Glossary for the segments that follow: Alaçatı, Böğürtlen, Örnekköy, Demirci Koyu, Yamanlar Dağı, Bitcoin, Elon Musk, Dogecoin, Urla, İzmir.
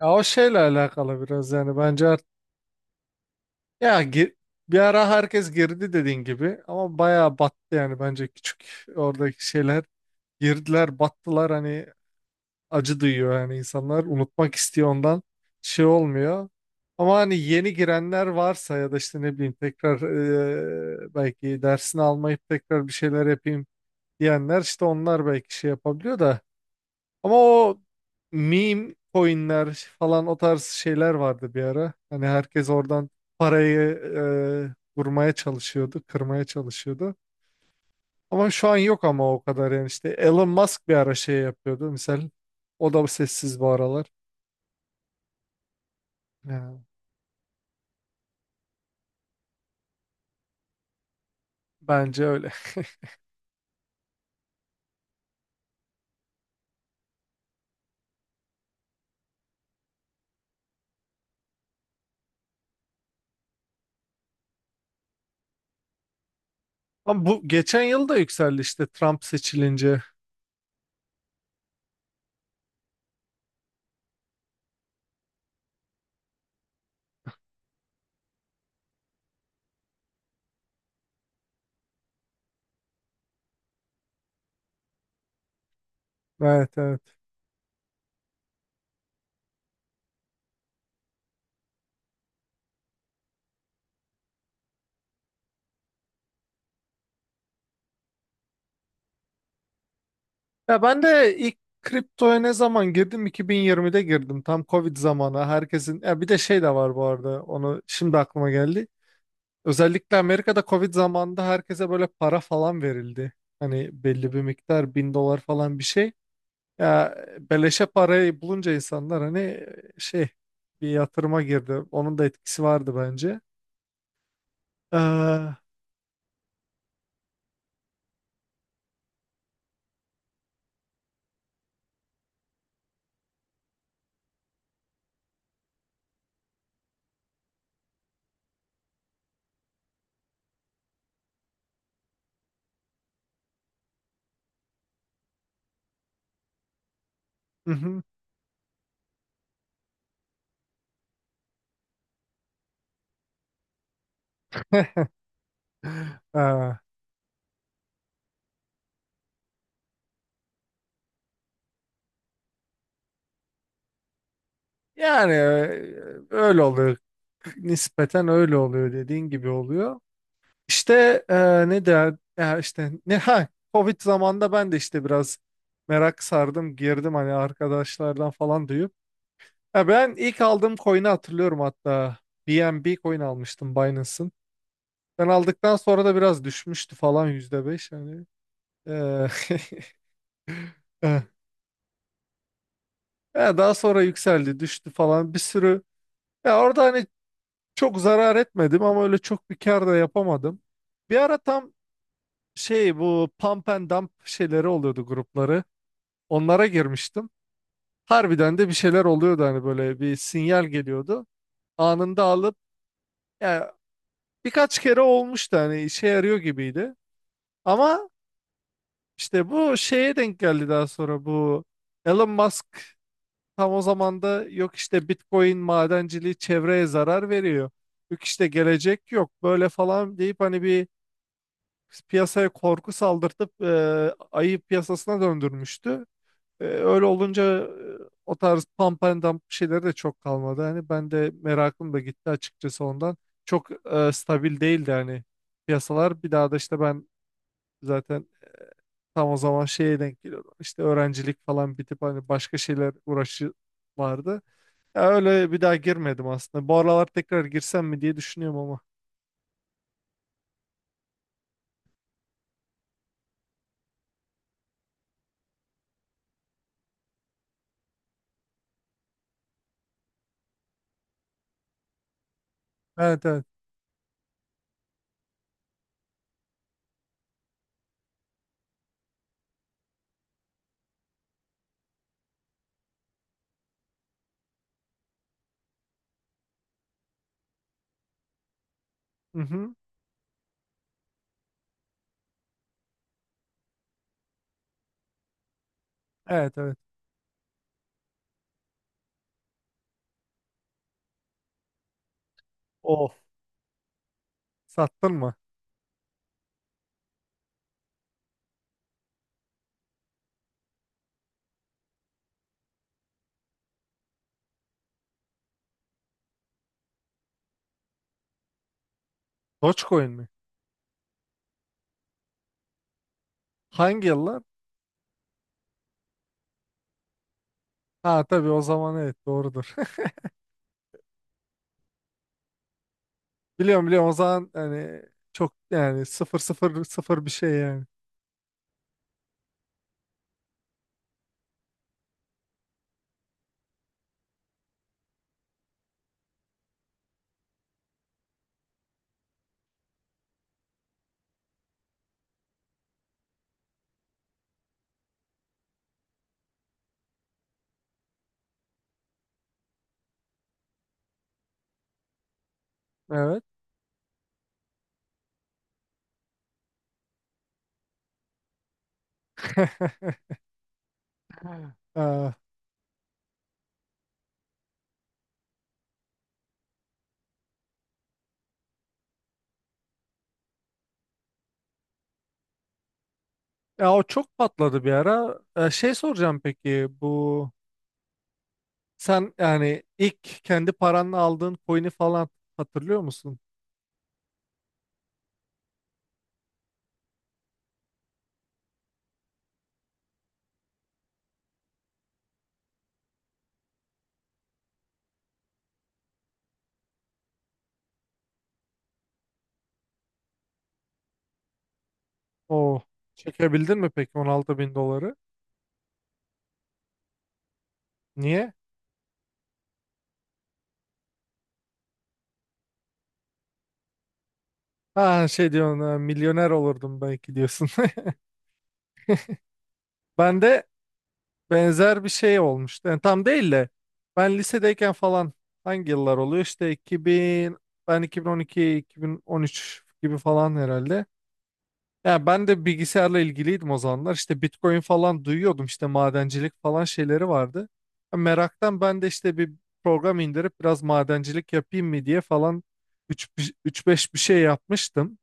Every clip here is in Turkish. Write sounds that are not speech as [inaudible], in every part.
Ya o şeyle alakalı biraz, yani bence ya gir- bir ara herkes girdi dediğin gibi ama bayağı battı. Yani bence küçük oradaki şeyler girdiler, battılar, hani acı duyuyor, yani insanlar unutmak istiyor, ondan şey olmuyor. Ama hani yeni girenler varsa ya da işte ne bileyim tekrar, belki dersini almayıp tekrar bir şeyler yapayım diyenler, işte onlar belki şey yapabiliyor da. Ama o meme coinler falan, o tarz şeyler vardı bir ara. Hani herkes oradan parayı vurmaya çalışıyordu, kırmaya çalışıyordu. Ama şu an yok ama o kadar, yani işte Elon Musk bir ara şey yapıyordu misal. O da sessiz bu aralar. Yani bence öyle. Ama bu geçen yıl da yükseldi işte, Trump seçilince. Evet evet. Ya ben de ilk kriptoya ne zaman girdim? 2020'de girdim. Tam Covid zamanı. Herkesin, ya bir de şey de var bu arada. Onu şimdi aklıma geldi. Özellikle Amerika'da Covid zamanında herkese böyle para falan verildi. Hani belli bir miktar, bin dolar falan bir şey. Ya beleşe parayı bulunca insanlar hani şey, bir yatırıma girdi. Onun da etkisi vardı bence. Hı hı. Ee, Yani öyle oluyor. Nispeten öyle oluyor, dediğin gibi oluyor. İşte ne der ya işte, ne ha Covid zamanında ben de işte biraz merak sardım, girdim hani arkadaşlardan falan duyup. Ya ben ilk aldığım coin'i hatırlıyorum hatta, BNB coin almıştım Binance'ın. Ben aldıktan sonra da biraz düşmüştü falan, %5 hani. E, [laughs] eh, ya daha sonra yükseldi, düştü falan bir sürü. Ya orada hani çok zarar etmedim ama öyle çok bir kar da yapamadım. Bir ara tam şey, bu pump and dump şeyleri oluyordu, grupları. Onlara girmiştim. Harbiden de bir şeyler oluyordu, hani böyle bir sinyal geliyordu. Anında alıp, yani birkaç kere olmuştu, hani işe yarıyor gibiydi. Ama işte bu şeye denk geldi daha sonra, bu Elon Musk tam o zamanda, yok işte Bitcoin madenciliği çevreye zarar veriyor, yok işte gelecek yok böyle falan deyip, hani bir piyasaya korku saldırtıp ayı piyasasına döndürmüştü. Öyle olunca o tarz pump şeyleri de çok kalmadı. Hani ben de merakım da gitti açıkçası ondan. Çok stabil değildi hani piyasalar. Bir daha da işte ben zaten tam o zaman şeye denk geliyordum. İşte öğrencilik falan bitip hani başka şeyler, uğraşı vardı. Ya öyle bir daha girmedim aslında. Bu aralar tekrar girsem mi diye düşünüyorum ama. Evet evet. Mhm. Evet evet. Of. Sattın mı? Dogecoin mi? Hangi yıllar? Ha tabii, o zaman evet doğrudur. [laughs] Biliyorum biliyorum, o zaman hani çok yani sıfır sıfır sıfır bir şey yani. Evet. [laughs] Aa. Ya o çok patladı bir ara. Şey soracağım, peki bu sen, yani ilk kendi paranla aldığın coin'i falan hatırlıyor musun? O Çekebildin mi peki 16 bin doları? Niye? Ha, şey diyorsun, milyoner olurdum belki diyorsun. [laughs] Ben de benzer bir şey olmuştu. Yani tam değil de ben lisedeyken falan, hangi yıllar oluyor? İşte 2000, ben 2012, 2013 gibi falan herhalde. Yani ben de bilgisayarla ilgiliydim o zamanlar. İşte Bitcoin falan duyuyordum. İşte madencilik falan şeyleri vardı. Yani meraktan ben de işte bir program indirip biraz madencilik yapayım mı diye falan, üç beş bir şey yapmıştım.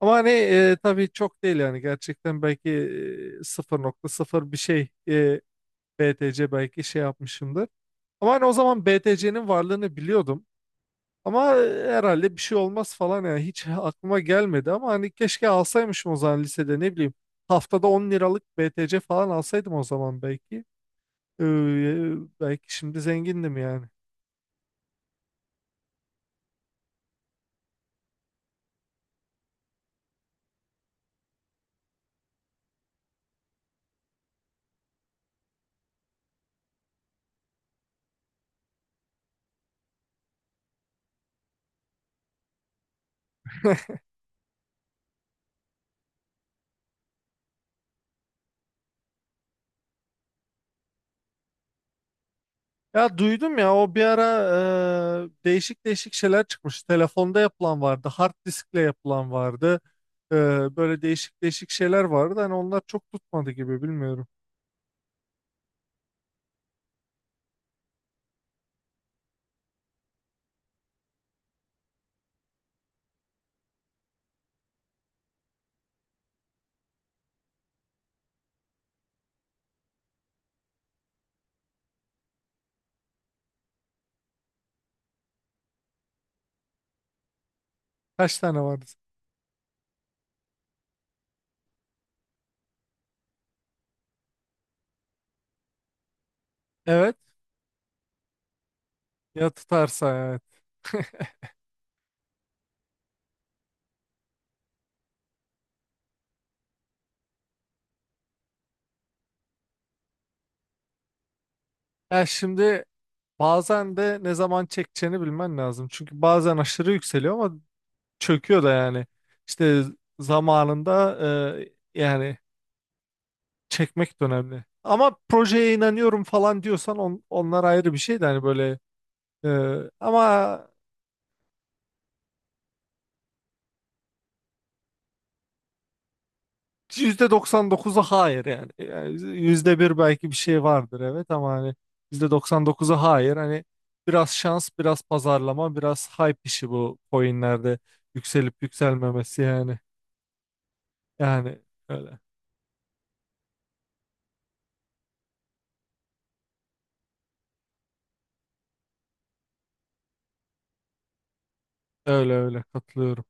Ama hani tabii çok değil, yani gerçekten belki sıfır nokta sıfır bir şey BTC belki şey yapmışımdır. Ama hani o zaman BTC'nin varlığını biliyordum. Ama herhalde bir şey olmaz falan, yani hiç aklıma gelmedi, ama hani keşke alsaymışım o zaman lisede, ne bileyim. Haftada 10 liralık BTC falan alsaydım o zaman belki. Ee, e, Belki şimdi zengindim yani. Ya duydum, ya o bir ara değişik değişik şeyler çıkmış. Telefonda yapılan vardı, hard diskle yapılan vardı. Ee, Böyle değişik değişik şeyler vardı. Hani onlar çok tutmadı gibi, bilmiyorum. Kaç tane vardı? Evet. Ya tutarsa evet. Ya şimdi bazen de ne zaman çekeceğini bilmen lazım. Çünkü bazen aşırı yükseliyor ama çöküyor da yani. İşte zamanında yani çekmek de önemli. Ama projeye inanıyorum falan diyorsan, onlar ayrı bir şey de, hani böyle e, ama %99'u hayır yani. Yani %1 belki bir şey vardır evet, ama hani %99'u hayır. Hani biraz şans, biraz pazarlama, biraz hype işi, bu coinlerde yükselip yükselmemesi yani. Yani öyle. Öyle öyle katılıyorum.